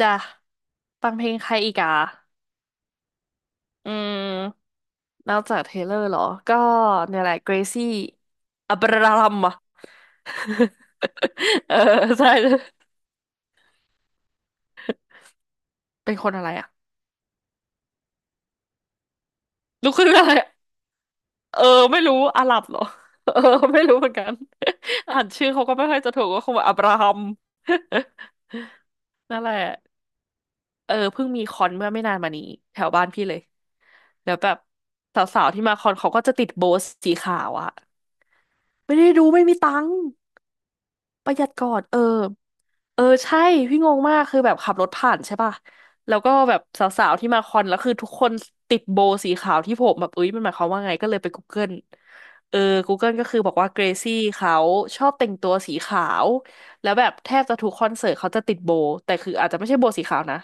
จ้ะฟังเพลงใครอีกอ่ะอืมนอกจากเทเลอร์เหรอ ก็เนี่ยแหละเกรซี่อับราฮัมอ่ะ เออใช่เป็นคนอะไรอ่ะลูกครึ่งอะไรอะเออไม่รู้อาหรับเหรอ เออไม่รู้เหมือนกัน อ่านชื่อเขาก็ไม่ค่อยจะถูกก็คงแบบอับราฮัม นั่นแหละเออเพิ่งมีคอนเมื่อไม่นานมานี้แถวบ้านพี่เลย แล้วแบบสาวๆที่มาคอนเขาก็จะติดโบสสีขาวอะไม่ได้ดูไม่มีตังค์ ประหยัดก่อนเออเออใช่พี่งงมากคือแบบขับรถผ่านใช่ป่ะแล้วก็แบบสาวๆที่มาคอนแล้วคือทุกคนติดโบว์สีขาวที่ผมแบบเอ้ยมันหมายความว่าไงก็เลยไป Google เออ Google ก็คือบอกว่าเกรซี่เขาชอบแต่งตัวสีขาวแล้วแบบแทบจะทุกคอนเสิร์ตเขาจะติดโบว์แต่คืออาจจะไม่ใช่โบว์สีขาวนะ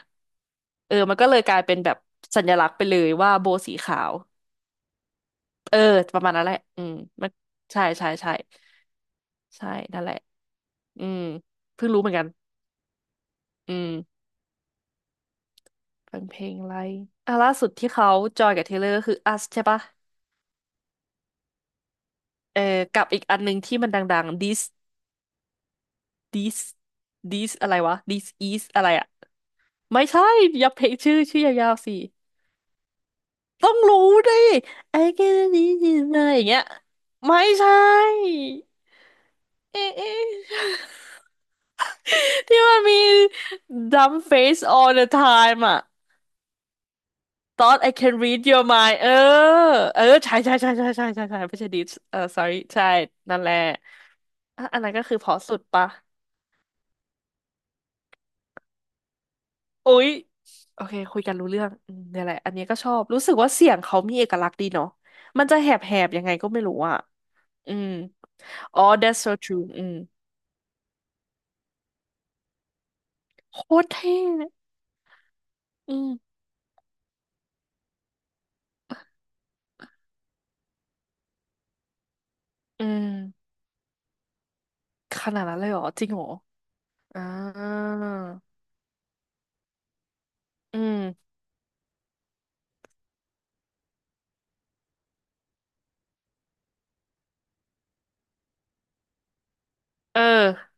เออมันก็เลยกลายเป็นแบบสัญลักษณ์ไปเลยว่าโบว์สีขาวเออประมาณนั้นแหละอืมมันใช่ใช่ใช่ใช่นั่นแหละอืมเพิ่งรู้เหมือนกันอืม ฟังเพลงอะไรอ่ะล่าสุดที่เขาจอยกับเทเลอร์ก็คือ Us ใช่ปะเออกับอีกอันหนึ่งที่มันดังๆ This This This อะไรวะ This is อะไรอะไม่ใช่อย่าเพลงชื่อชื่อยาวๆสิ ต้องรู้ดิ I get this is อะไรอย่างเงี้ย ไม่ใช่เอ๊ะเอ๊ะ ที่มันมี dumb face all the time อะ thought I can read your mind เออ เออ ใช่ใช่ใช่ใช่ใช่ใช่ใช่ไม่ใช่ดิสเออ sorry ใช่นั่นแหละ อ่ะอันนั้นก็คือเพอสุดปะอุ๊ยโอเคคุยกันรู้เรื่องอืมเนี่ยแหละอันนี้ก็ชอบรู้สึกว่าเสียงเขามีเอกลักษณ์ดีเนาะมันจะแหบแหบยังไงก็ไม่รู้อ่ะอืมอ๋อ that's so true อืมโคตรเท่อืมอืมขนาดนั้นเลยเหรอจริงเหรออ่าอืมเออ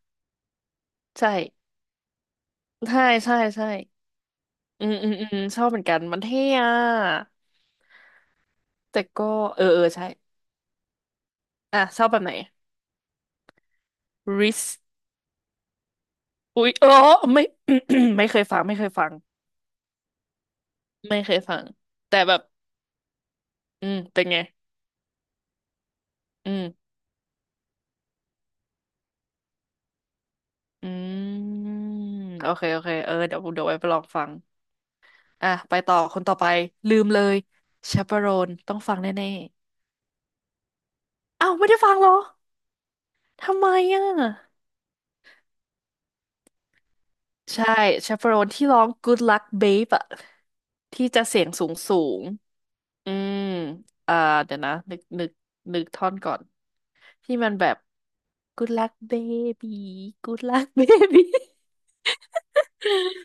ใช่ใช่ใช่ใช่อืมอืมอืมชอบเหมือนกันมันเท่อะแต่ก็เออเออใช่อ่ะชอบแบบไหนริสอุ๊ยเออไม่ ไม่เคยฟังไม่เคยฟัง ไม่เคยฟังแต่แบบอืมเป็นไงอืมอืมโอเคโอเคเออเดี๋ยวเดี๋ยวไว้ไปลองฟังอ่ะไปต่อคนต่อไปลืมเลยชาปโรนต้องฟังแน่ๆอ้าวไม่ได้ฟังเหรอทำไมอ่ะใช่ชาปโรนที่ร้อง Good Luck Babe อะที่จะเสียงสูงสูง อืม อ่า เดี๋ยวนะนึก นึก นึกท่อนก่อน ที่มันแบบ good luck baby good luck baby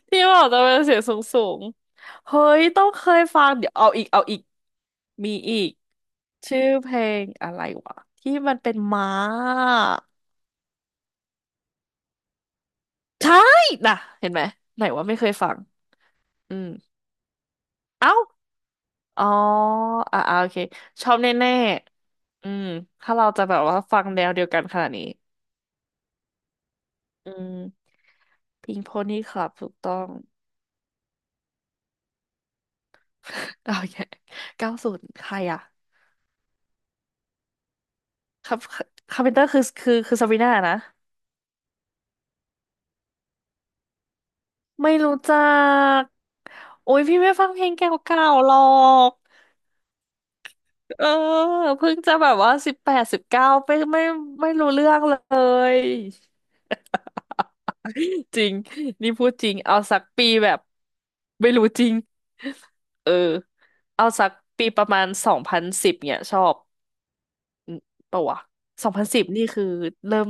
ที่บอกจะเป็นเสียงสูงสูงเฮ้ย ต้องเคยฟัง เดี๋ยวเอาอีก เอาอีก มีอีก ชื่อเพลงอะไรวะ ที่มันเป็นม้าใช่นะเห็นไหม ไหนว่าไม่เคยฟังอืมเอ้า อ๋ออ่าโอเค ชอบแน่ๆอืม ถ้าเราจะแบบว่าฟังแนวเดียวกันขนาดนี้ อืมพิงโพนี่ครับถูกต้อง โอเคเก้าศูนย์ใครอ่ะครับคาร์เพนเตอร์คือ คือคือซาบรีน่านะ ไม่รู้จักโอ้ย พี่ไม่ฟังเพลงเก่าๆหรอก เออเพิ่งจะแบบว่า18-19ไม่ไม่ไม่รู้เรื่องเลย จริงนี่พูดจริงเอาสักปีแบบไม่รู้จริงเออเอาสักปีประมาณสองพันสิบเนี่ยชอบปะวะสองพันสิบนี่คือเริ่ม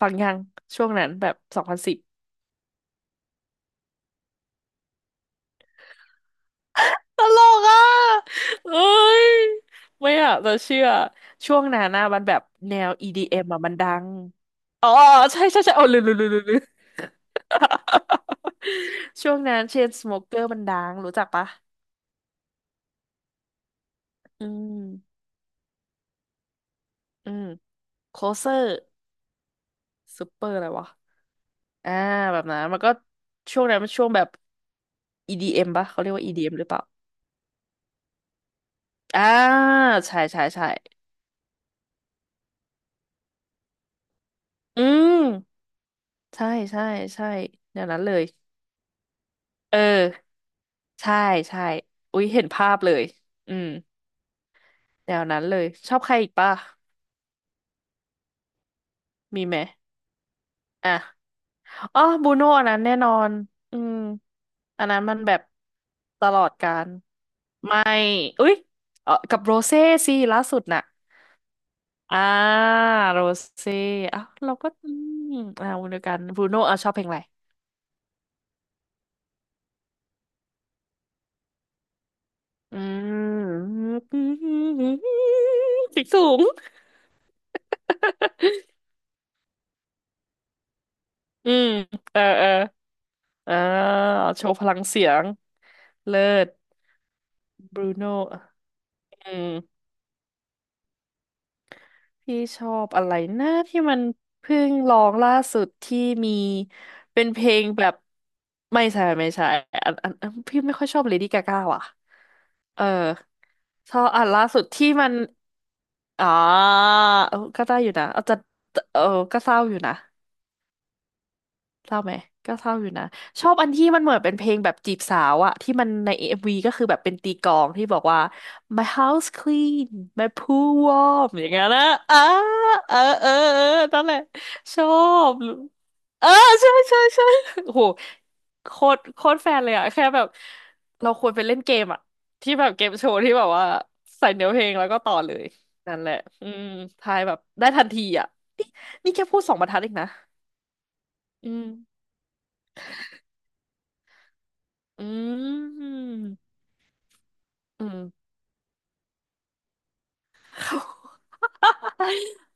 ฟังยังช่วงนั้นแบบสองพันสิบ ตลกอ่ะเอ้ย ไม่อ่ะเราเชื่อ ช่วงนั้นนะมันแบบแนว EDM อมอ่ะ มันดัง อ๋อใช่ใช่ใช่โอ้ลืมลืมลืมลืมลืม ช่วงนั้นเชนสโมเกอร์มันดัง รู้จักปะ อืม อืมโคเซอร์ซูเปอร์อะไรวะ อ่า แบบนั้น มันก็ช่วงนั้นมันช่วงแบบ EDM ปะ เขาเรียกว่า EDM หรือเปล่าอ่าใช่ใช่ใช่อืมใช่ใช่ใช่อย่างนั้นเลยเออ ใช่ใช่ อุ๊ยเห็นภาพเลย อืมแนวนั้นเลยชอบใครอีกป่ะมีไหม อ่ะอ๋อบูโน่อันนั้นแน่นอน อืมอันนั้นมันแบบตลอดการไม่ อุ๊ยเออกับโรเซ่สิล่าสุดน่ะ อ่าโรเซ่อ่ะเราก็อืมอ่าวนเดียวกันบูโน่อ่ะชอบเพลงอะไร อืม เสียงสูง อืมเออเออ อ่าโชว์พลังเสียงเลิศบรูโน่อืมพี่ชอบอะไรนะที่มันเพิ่งร้องล่าสุดที่มีเป็นเพลงแบบไม่ใช่ไม่ใช่อันอันอันพี่ไม่ค่อยชอบเลดี้กาก้าว่ะเออชอบอันล่าสุดที่มันอ๋อเออก็ได้อยู่นะเอาจะเออก็เศร้าอยู่นะ เศร้าไหมก็เศร้าอยู่นะชอบอันที่มันเหมือนเป็นเพลงแบบจีบสาวอะที่มันในเอ็มวีก็คือแบบเป็นตีกลองที่บอกว่า my house clean my pool warm อย่างเงี้ยนะอ่าเออเออเออนั่นแหละชอบเออใช่ใช่ใช่โอ้โหโคตรแฟนเลยอะแค่แบบเราควรไปเล่นเกมอะที่แบบเกมโชว์ที่แบบว่าใส่เนื้อเพลงแล้วก็ต่อเลยนั่นแหละอืมทายแบบได้ทันทีอะนี่นี่แค่พูดสองบรรทัดเองนะอืม อืมอืม เขา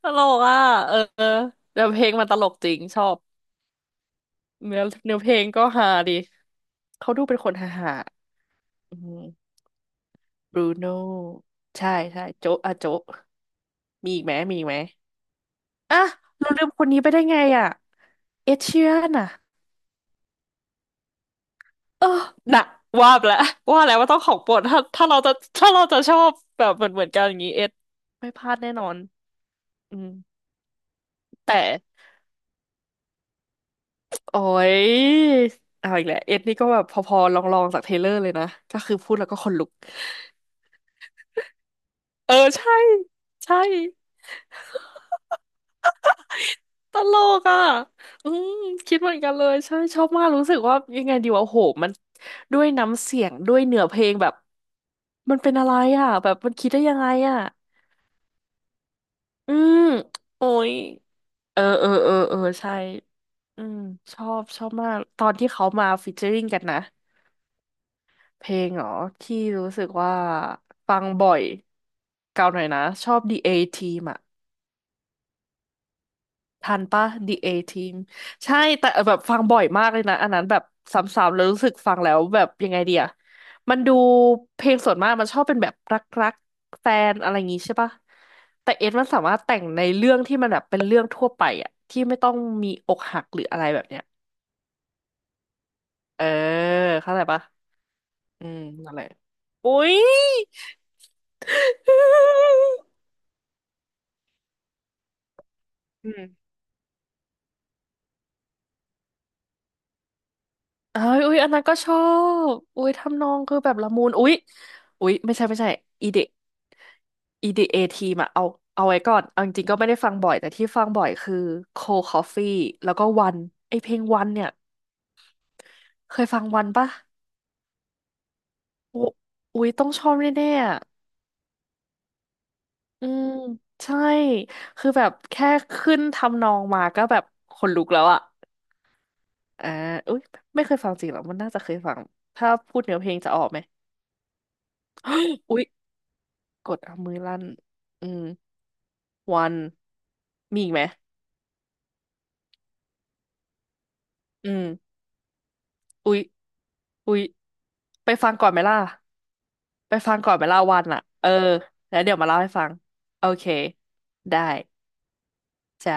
ตลกอ่ะเออเนื้อเพลงมันตลกจริงชอบเนื้อเพลงก็ฮาดีเขาดูเป็นคนฮาฮาอืมบรูโน่ใช่ใช่โจ๊ะอ่ะโจ๊ะมีอีกไหมมีอีกไหมอ่ะเราลืมคนนี้ไปได้ไงอ่ะเอเชียนอ่ะเออน่ะว่าไปแล้วว่าแล้วว่าต้องของโปรดถ้าเราจะถ้าเราจะชอบแบบเหมือนกันอย่างนี้เอ็ดไม่พลาดแน่นอนอืมแต่ โอ้ยเอาอีกแล้วเอ็ดนี่ก็แบบพอๆลองๆจากเทรลเลอร์เลยนะก็คือพูดแล้วก็ขนลุก เออใช่ใช่ตลกอ่ะอืมคิดเหมือนกันเลยใช่ชอบมากรู้สึกว่ายังไงดีวะโอ้โหมันด้วยน้ำเสียงด้วยเนื้อเพลงแบบมันเป็นอะไรอ่ะแบบมันคิดได้ยังไงอ่ะอืมโอ้ยเออเออเออเออใช่ อืมชอบชอบมากตอนที่เขามาฟีเจอริ่งกันนะ เพลงเหรอ ที่รู้สึกว่าฟังบ่อยเก่าหน่อยนะ ชอบ The A Team อะทันปะ The A Team ใช่ แต่แบบฟังบ่อยมากเลยนะ อันนั้นแบบซ้ำๆแล้วรู้สึกฟังแล้วแบบยังไงเดียมันดูเพลงส่วนมากมันชอบเป็นแบบรักๆแฟนอะไรอย่างงี้ใช่ปะแต่เอสมันสามารถแต่งในเรื่องที่มันแบบเป็นเรื่องทั่วไปอะที่ไม่ต้องมีอกหักหรืออะไรแบบเนี้ยเออเข้าใจปะอืมนั่นแหละอุ้ย อืม เอ้ยอุ้ยอันนั้นก็ชอบอุ้ยทำนองคือแบบละมุนอุ้ยอุ้ยไม่ใช่ไม่ใช่อีเด EDA ทีมอะเอาเอาไว้ก่อนเอาจริงๆก็ไม่ได้ฟังบ่อยแต่ที่ฟังบ่อยคือ Cold Coffee แล้วก็วันไอเพลงวันเนี่ยเคยฟังวันปะโอ้อุ๊ยต้องชอบแน่ๆอะอืมใช่คือแบบแค่ขึ้นทำนองมาก็แบบขนลุกแล้วอะอ่าอุ๊ยไม่เคยฟังจริงหรอมันน่าจะเคยฟังถ้าพูดเนื้อเพลงจะออกไหมอุ๊ยกดเอามือลั่นอืม วันมีอีกไหม อืมอุ๊ยอุ๊ยไปฟังก่อนไหมล่ะไปฟังก่อนไหมล่ะวันอ่ะ เออ แล้วเดี๋ยวมาเล่าให้ฟัง โอเค ได้จ้า